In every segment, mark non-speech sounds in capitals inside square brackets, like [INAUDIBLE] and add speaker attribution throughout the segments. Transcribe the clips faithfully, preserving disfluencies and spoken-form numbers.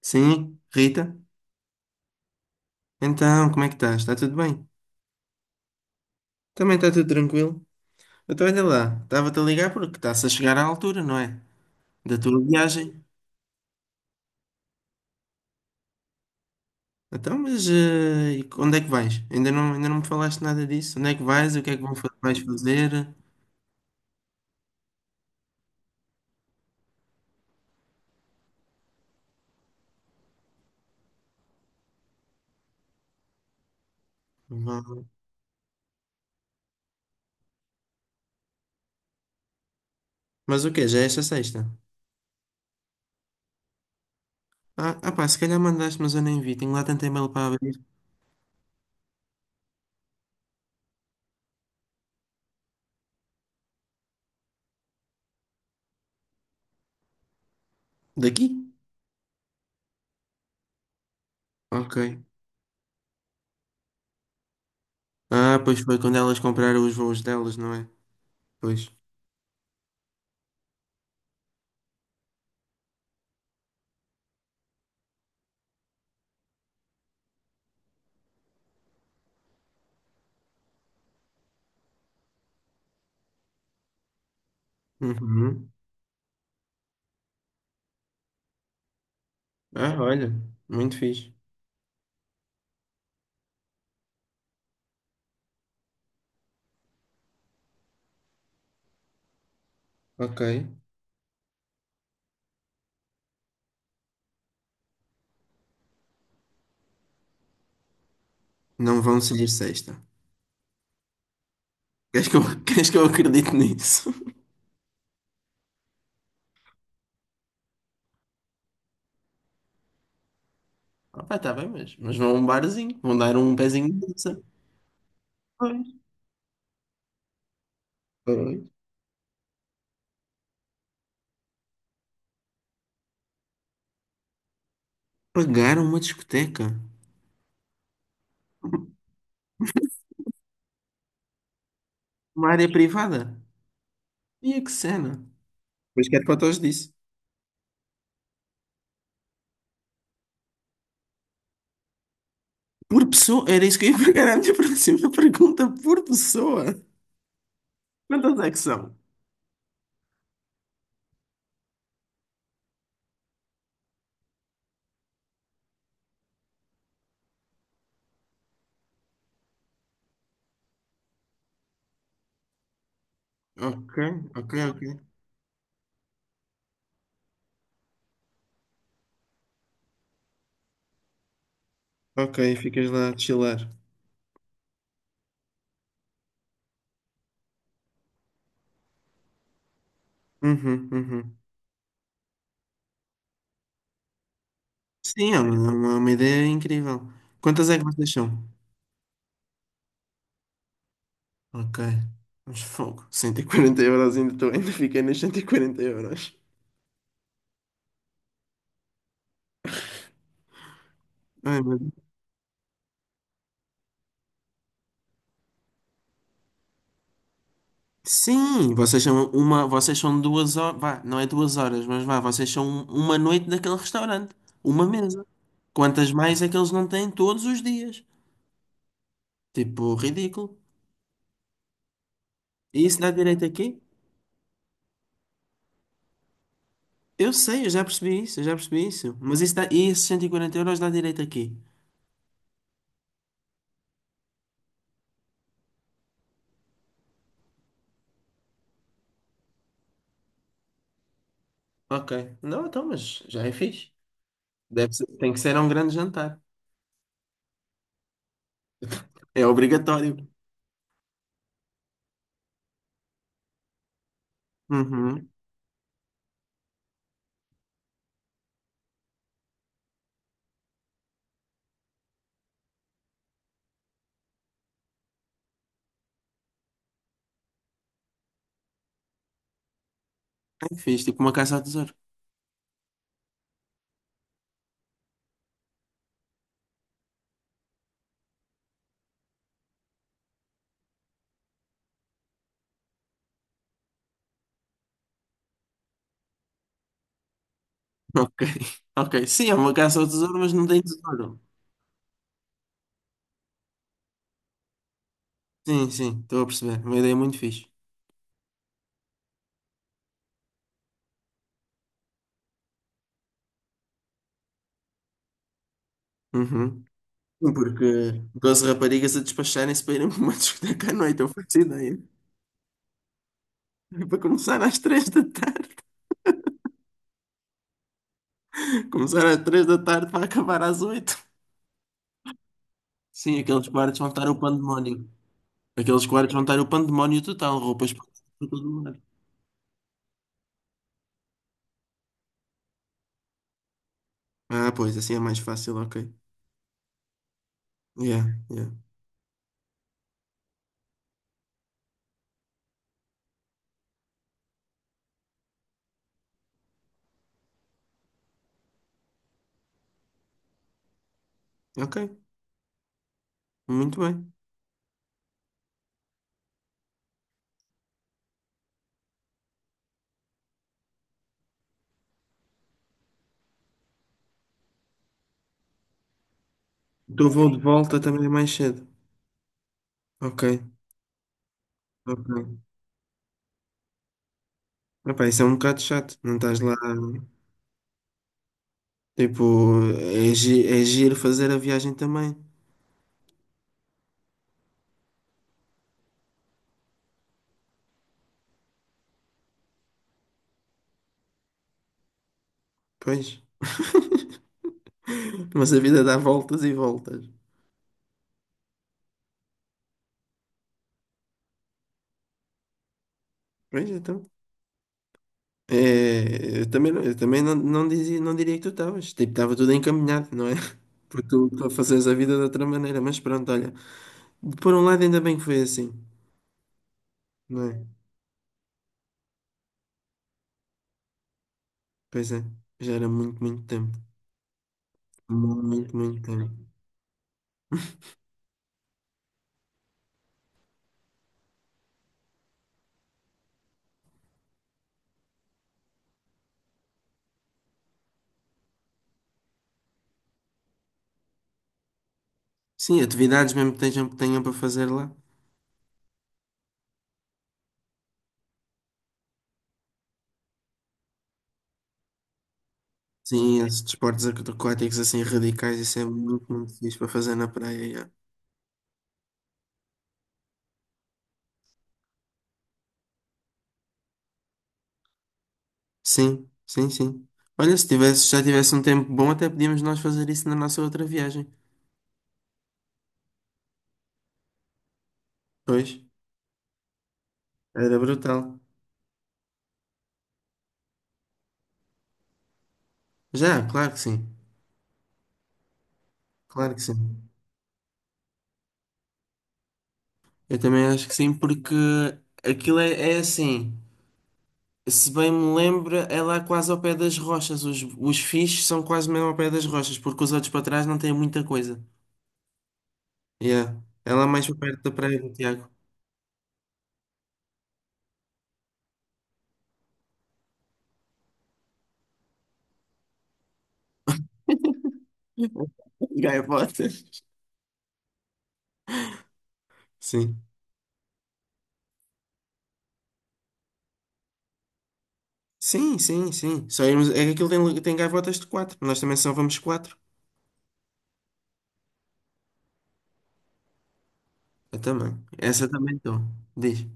Speaker 1: Sim, Rita? Então, como é que estás? Está tudo bem? Também está tudo tranquilo? Então, olha lá, estava-te a ligar porque está-se a chegar à altura, não é? Da tua viagem. Então, mas eh, e onde é que vais? Ainda não, ainda não me falaste nada disso. Onde é que vais? O que é que vão fa- vais fazer? Vão- Mas o quê? Já é esta sexta? Ah, ah pá, se calhar mandaste, mas eu nem vi. Tenho lá tanto e-mail para abrir. Daqui? Ok. Ah, pois foi quando elas compraram os voos delas, não é? Pois. Uhum. Ah, olha, muito fixe. Ok. Não vão sair sexta. Queres que eu, [LAUGHS] queres que eu acredite nisso? Ah, tá bem, mas, mas vão a um barzinho, vão dar um pezinho de dança. Pois, pois. Pagaram uma discoteca, uma área privada. E a que cena? Pois quero fotos disso. Por pessoa, era isso que eu ia pegar a minha [LAUGHS] próxima pergunta, por pessoa. Quantas é que são? Ok, ok, ok. Ok, ficas lá a chilar. Uhum, uhum. Sim, é uma, é uma é uma ideia incrível. Quantas é que vocês são? Ok. Mas fogo. Cento e quarenta euros ainda, tô, ainda fiquei nas cento e quarenta euros. Ai, meu Deus. Sim, vocês são uma, vocês são duas horas, vá, não é duas horas, mas vá, vocês são uma noite daquele restaurante, uma mesa. Quantas mais é que eles não têm todos os dias? Tipo, ridículo. E isso dá direito aqui? Eu sei, eu já percebi isso, eu já percebi isso. Mas isso dá, e esses cento e quarenta euros dá direito aqui? Ok. Não, então, mas já é fixe. Deve ser- tem que ser um grande jantar. É obrigatório. Uhum. É fixe, tipo uma caça ao tesouro. Ok, [LAUGHS] ok. Sim, é uma caça ao tesouro, mas não tem tesouro. Sim, sim, estou a perceber. Uma ideia muito fixe. Uhum. Sim, porque doze raparigas a despacharem-se para irem para uma [LAUGHS] discoteca à noite, eu faço ideia. É para começar às três da tarde. Começar às três da tarde para acabar às oito. Sim, aqueles quartos vão estar o pandemónio. Aqueles quartos vão estar o pandemónio total, roupas para todo mundo. Ah, pois, assim é mais fácil, ok. Yeah, yeah. Ok, muito bem. Do voo de volta também é mais cedo. Ok. Ok. Epá, isso é um bocado chato. Não estás lá. Tipo, é, gi é giro fazer a viagem também. Pois. Mas a vida dá voltas e voltas. Pois então. É, eu também, não, eu também não, não, dizia, não diria que tu estavas. Tipo, estava tudo encaminhado, não é? [LAUGHS] Porque tu, tu fazes a vida de outra maneira. Mas pronto, olha. Por um lado, ainda bem que foi assim, não é? Pois é. Já era muito, muito tempo. Muito, muito tempo. Sim, atividades mesmo que tenham, que tenham para fazer lá. Sim, esses desportos aquáticos assim radicais, isso é muito, muito fixe para fazer na praia. Yeah. Sim, sim, sim. Olha, se tivesse, já tivesse um tempo bom, até podíamos nós fazer isso na nossa outra viagem. Pois, era brutal. Já, claro que sim. Claro que sim. Eu também acho que sim, porque aquilo é, é assim. Se bem me lembro, é lá quase ao pé das rochas. Os, os fixes são quase mesmo ao pé das rochas, porque os outros para trás não têm muita coisa. Yeah. É lá mais para perto da praia do Tiago. [LAUGHS] Gaiotas. Sim. Sim, sim, sim. Só irmos. É que aquilo tem, tem gaivotas de quatro. Nós também só vamos quatro. Eu também. Essa também estou. Diz.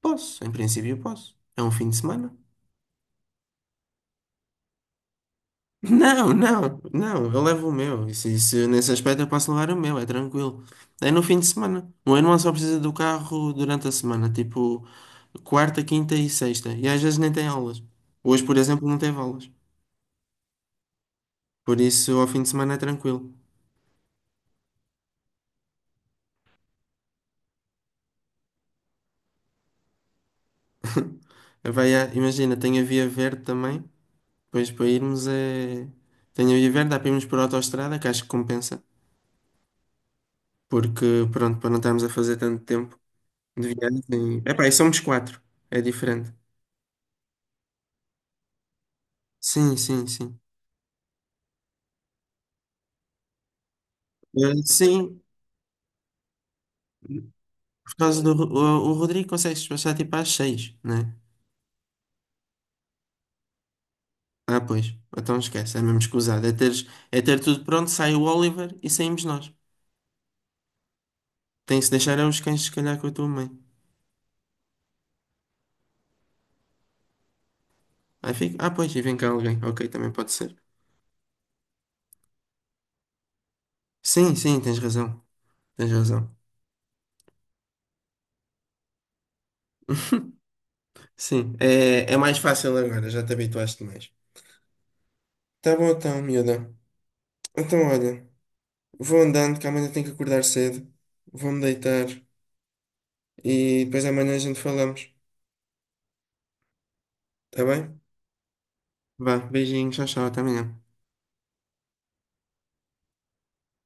Speaker 1: Posso, em princípio posso. É um fim de semana. [LAUGHS] Não, não, não. Eu levo o meu. Isso, isso, nesse aspecto eu posso levar o meu, é tranquilo. É no fim de semana. O meu irmão só precisa do carro durante a semana, tipo quarta, quinta e sexta. E às vezes nem tem aulas. Hoje, por exemplo, não teve aulas. Por isso, ao fim de semana é tranquilo. Vai a... Imagina, tem a Via Verde também. Pois para irmos é. Tenho a ver, dá para irmos por autoestrada, que acho que compensa. Porque, pronto, para não estarmos a fazer tanto tempo de viagem. Epá, e somos quatro. É diferente. Sim, sim, sim. Eh, sim, por causa do. Ro- O, o Rodrigo consegue se passar tipo às seis, né? Ah, pois. Então esquece, é mesmo escusado. É teres, é ter tudo pronto, sai o Oliver e saímos nós. Tem-se deixar aos cães, se calhar, com a tua mãe. Aí fica. Ah, pois, e vem cá alguém. Ok, também pode ser. Sim, sim, tens razão. Tens razão. Sim, é, é mais fácil agora, já te habituaste mais. Tá bom então, miúda. Então, olha, vou andando, que amanhã tenho que acordar cedo. Vou-me deitar e depois amanhã a gente falamos. Tá bem? Vá, beijinho, tchau, tchau, até amanhã.